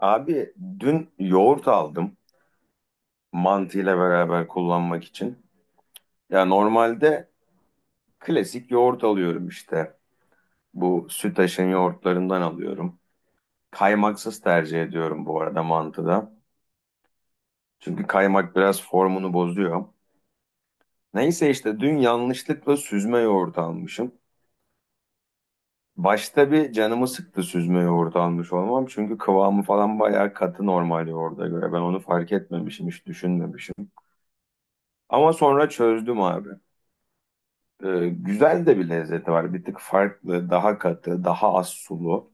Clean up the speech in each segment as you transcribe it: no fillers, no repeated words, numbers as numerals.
Abi dün yoğurt aldım mantıyla beraber kullanmak için. Ya normalde klasik yoğurt alıyorum işte. Bu Sütaş'ın yoğurtlarından alıyorum. Kaymaksız tercih ediyorum bu arada mantıda. Çünkü kaymak biraz formunu bozuyor. Neyse işte dün yanlışlıkla süzme yoğurt almışım. Başta bir canımı sıktı süzme yoğurt almış olmam. Çünkü kıvamı falan bayağı katı normal yoğurda göre. Ben onu fark etmemişim, hiç düşünmemişim. Ama sonra çözdüm abi. Güzel de bir lezzeti var. Bir tık farklı, daha katı, daha az sulu.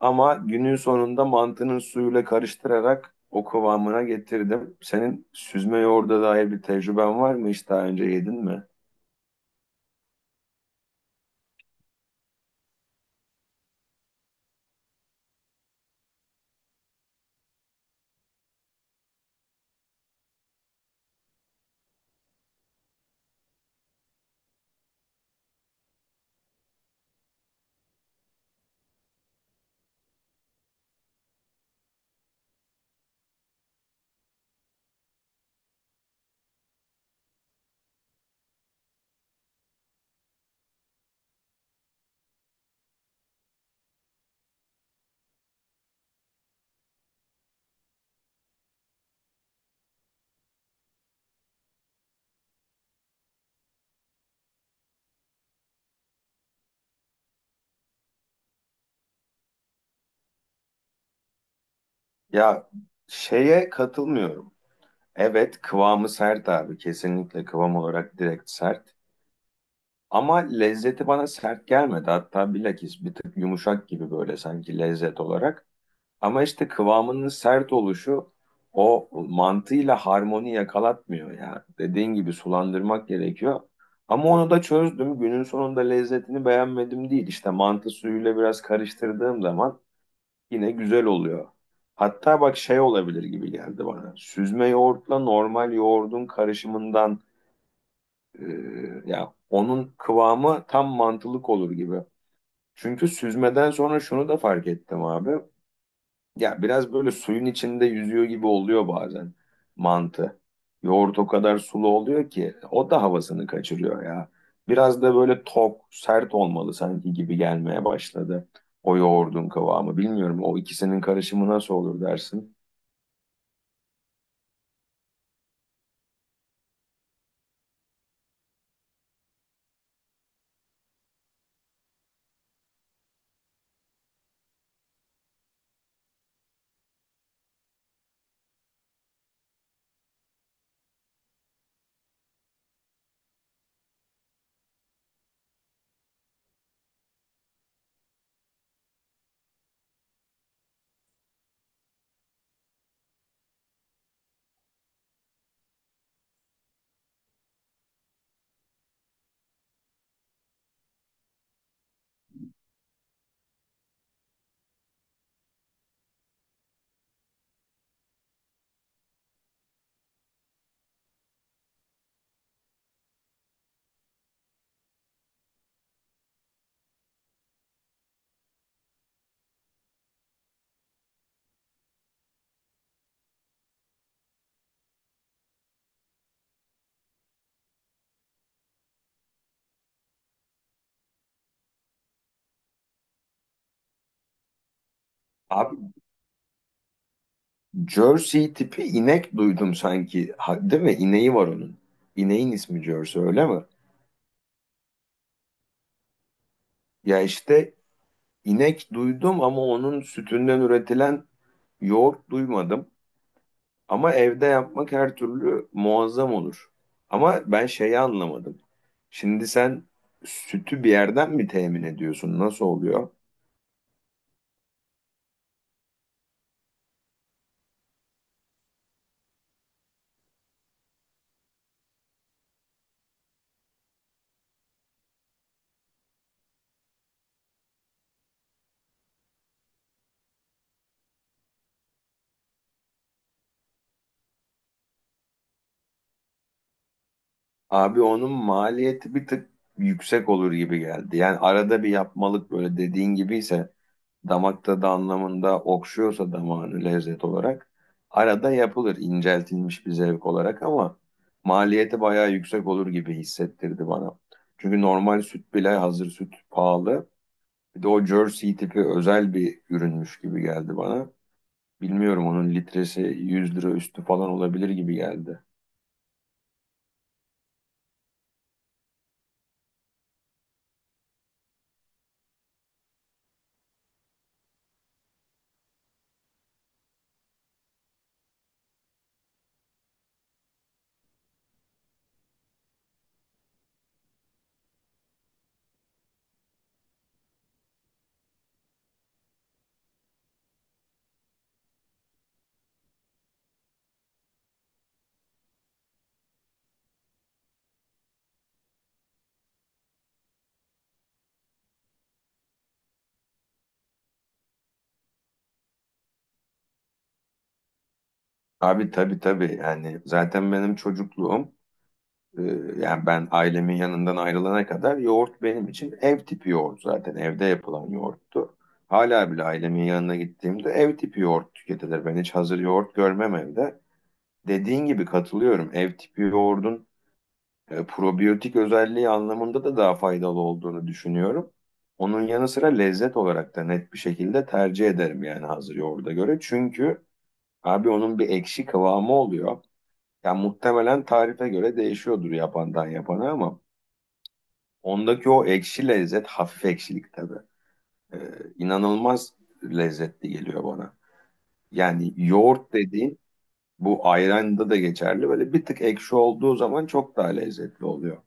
Ama günün sonunda mantının suyuyla karıştırarak o kıvamına getirdim. Senin süzme yoğurda dair bir tecrüben var mı? Hiç daha önce yedin mi? Ya şeye katılmıyorum. Evet kıvamı sert abi. Kesinlikle kıvam olarak direkt sert. Ama lezzeti bana sert gelmedi. Hatta bilakis bir tık yumuşak gibi böyle sanki lezzet olarak. Ama işte kıvamının sert oluşu o mantığıyla harmoni yakalatmıyor ya. Dediğin gibi sulandırmak gerekiyor. Ama onu da çözdüm. Günün sonunda lezzetini beğenmedim değil. İşte mantı suyuyla biraz karıştırdığım zaman yine güzel oluyor. Hatta bak şey olabilir gibi geldi bana. Süzme yoğurtla normal yoğurdun karışımından e, ya onun kıvamı tam mantılık olur gibi. Çünkü süzmeden sonra şunu da fark ettim abi. Ya biraz böyle suyun içinde yüzüyor gibi oluyor bazen mantı. Yoğurt o kadar sulu oluyor ki o da havasını kaçırıyor ya. Biraz da böyle tok, sert olmalı sanki gibi gelmeye başladı. O yoğurdun kıvamı. Bilmiyorum o ikisinin karışımı nasıl olur dersin. Abi Jersey tipi inek duydum sanki. Ha, değil mi? İneği var onun. İneğin ismi Jersey öyle mi? Ya işte inek duydum ama onun sütünden üretilen yoğurt duymadım. Ama evde yapmak her türlü muazzam olur. Ama ben şeyi anlamadım. Şimdi sen sütü bir yerden mi temin ediyorsun? Nasıl oluyor? Abi onun maliyeti bir tık yüksek olur gibi geldi. Yani arada bir yapmalık böyle dediğin gibiyse damak tadı anlamında okşuyorsa damağını lezzet olarak arada yapılır inceltilmiş bir zevk olarak ama maliyeti bayağı yüksek olur gibi hissettirdi bana. Çünkü normal süt bile hazır süt pahalı. Bir de o jersey tipi özel bir ürünmüş gibi geldi bana. Bilmiyorum onun litresi 100 lira üstü falan olabilir gibi geldi. Abi tabii tabii yani zaten benim çocukluğum e, yani ben ailemin yanından ayrılana kadar yoğurt benim için ev tipi yoğurt zaten evde yapılan yoğurttu. Hala bile ailemin yanına gittiğimde ev tipi yoğurt tüketilir. Ben hiç hazır yoğurt görmem evde. Dediğin gibi katılıyorum. Ev tipi yoğurdun probiyotik özelliği anlamında da daha faydalı olduğunu düşünüyorum. Onun yanı sıra lezzet olarak da net bir şekilde tercih ederim yani hazır yoğurda göre. Çünkü abi onun bir ekşi kıvamı oluyor. Yani muhtemelen tarife göre değişiyordur yapandan yapana ama ondaki o ekşi lezzet hafif ekşilik tabii. e, inanılmaz lezzetli geliyor bana. Yani yoğurt dediğin bu ayranda da geçerli. Böyle bir tık ekşi olduğu zaman çok daha lezzetli oluyor.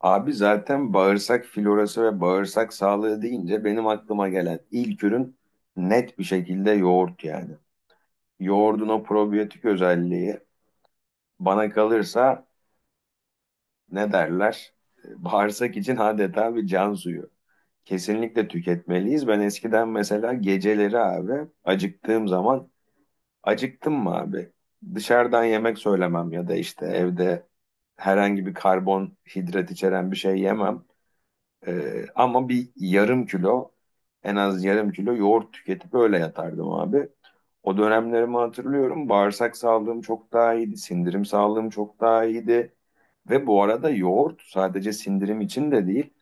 Abi zaten bağırsak florası ve bağırsak sağlığı deyince benim aklıma gelen ilk ürün net bir şekilde yoğurt yani. Yoğurdun o probiyotik özelliği bana kalırsa ne derler? Bağırsak için adeta bir can suyu. Kesinlikle tüketmeliyiz. Ben eskiden mesela geceleri abi acıktığım zaman acıktım mı abi? Dışarıdan yemek söylemem ya da işte evde herhangi bir karbonhidrat içeren bir şey yemem. Ama bir yarım kilo en az yarım kilo yoğurt tüketip öyle yatardım abi. O dönemlerimi hatırlıyorum. Bağırsak sağlığım çok daha iyiydi. Sindirim sağlığım çok daha iyiydi. Ve bu arada yoğurt sadece sindirim için de değil.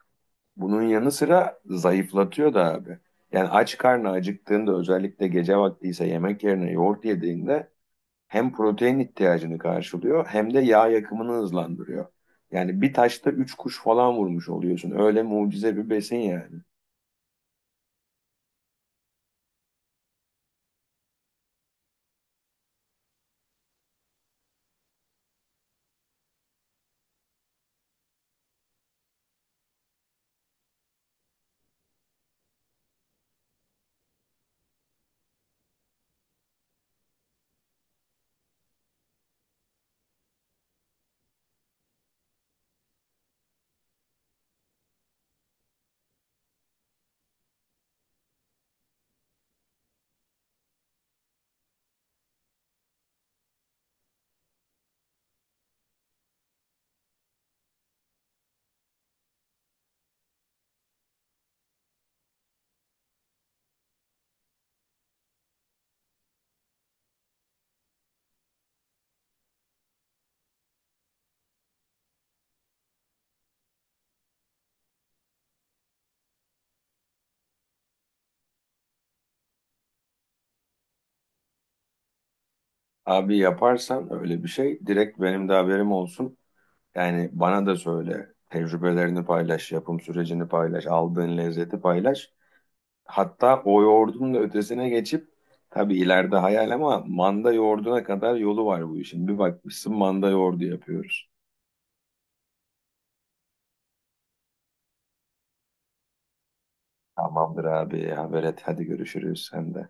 Bunun yanı sıra zayıflatıyor da abi. Yani aç karnı acıktığında özellikle gece vaktiyse yemek yerine yoğurt yediğinde hem protein ihtiyacını karşılıyor hem de yağ yakımını hızlandırıyor. Yani bir taşta üç kuş falan vurmuş oluyorsun. Öyle mucize bir besin yani. Abi yaparsan öyle bir şey direkt benim de haberim olsun. Yani bana da söyle. Tecrübelerini paylaş, yapım sürecini paylaş, aldığın lezzeti paylaş. Hatta o yoğurdun da ötesine geçip tabii ileride hayal ama manda yoğurduna kadar yolu var bu işin. Bir bakmışsın manda yoğurdu yapıyoruz. Tamamdır abi haber et hadi görüşürüz sen de.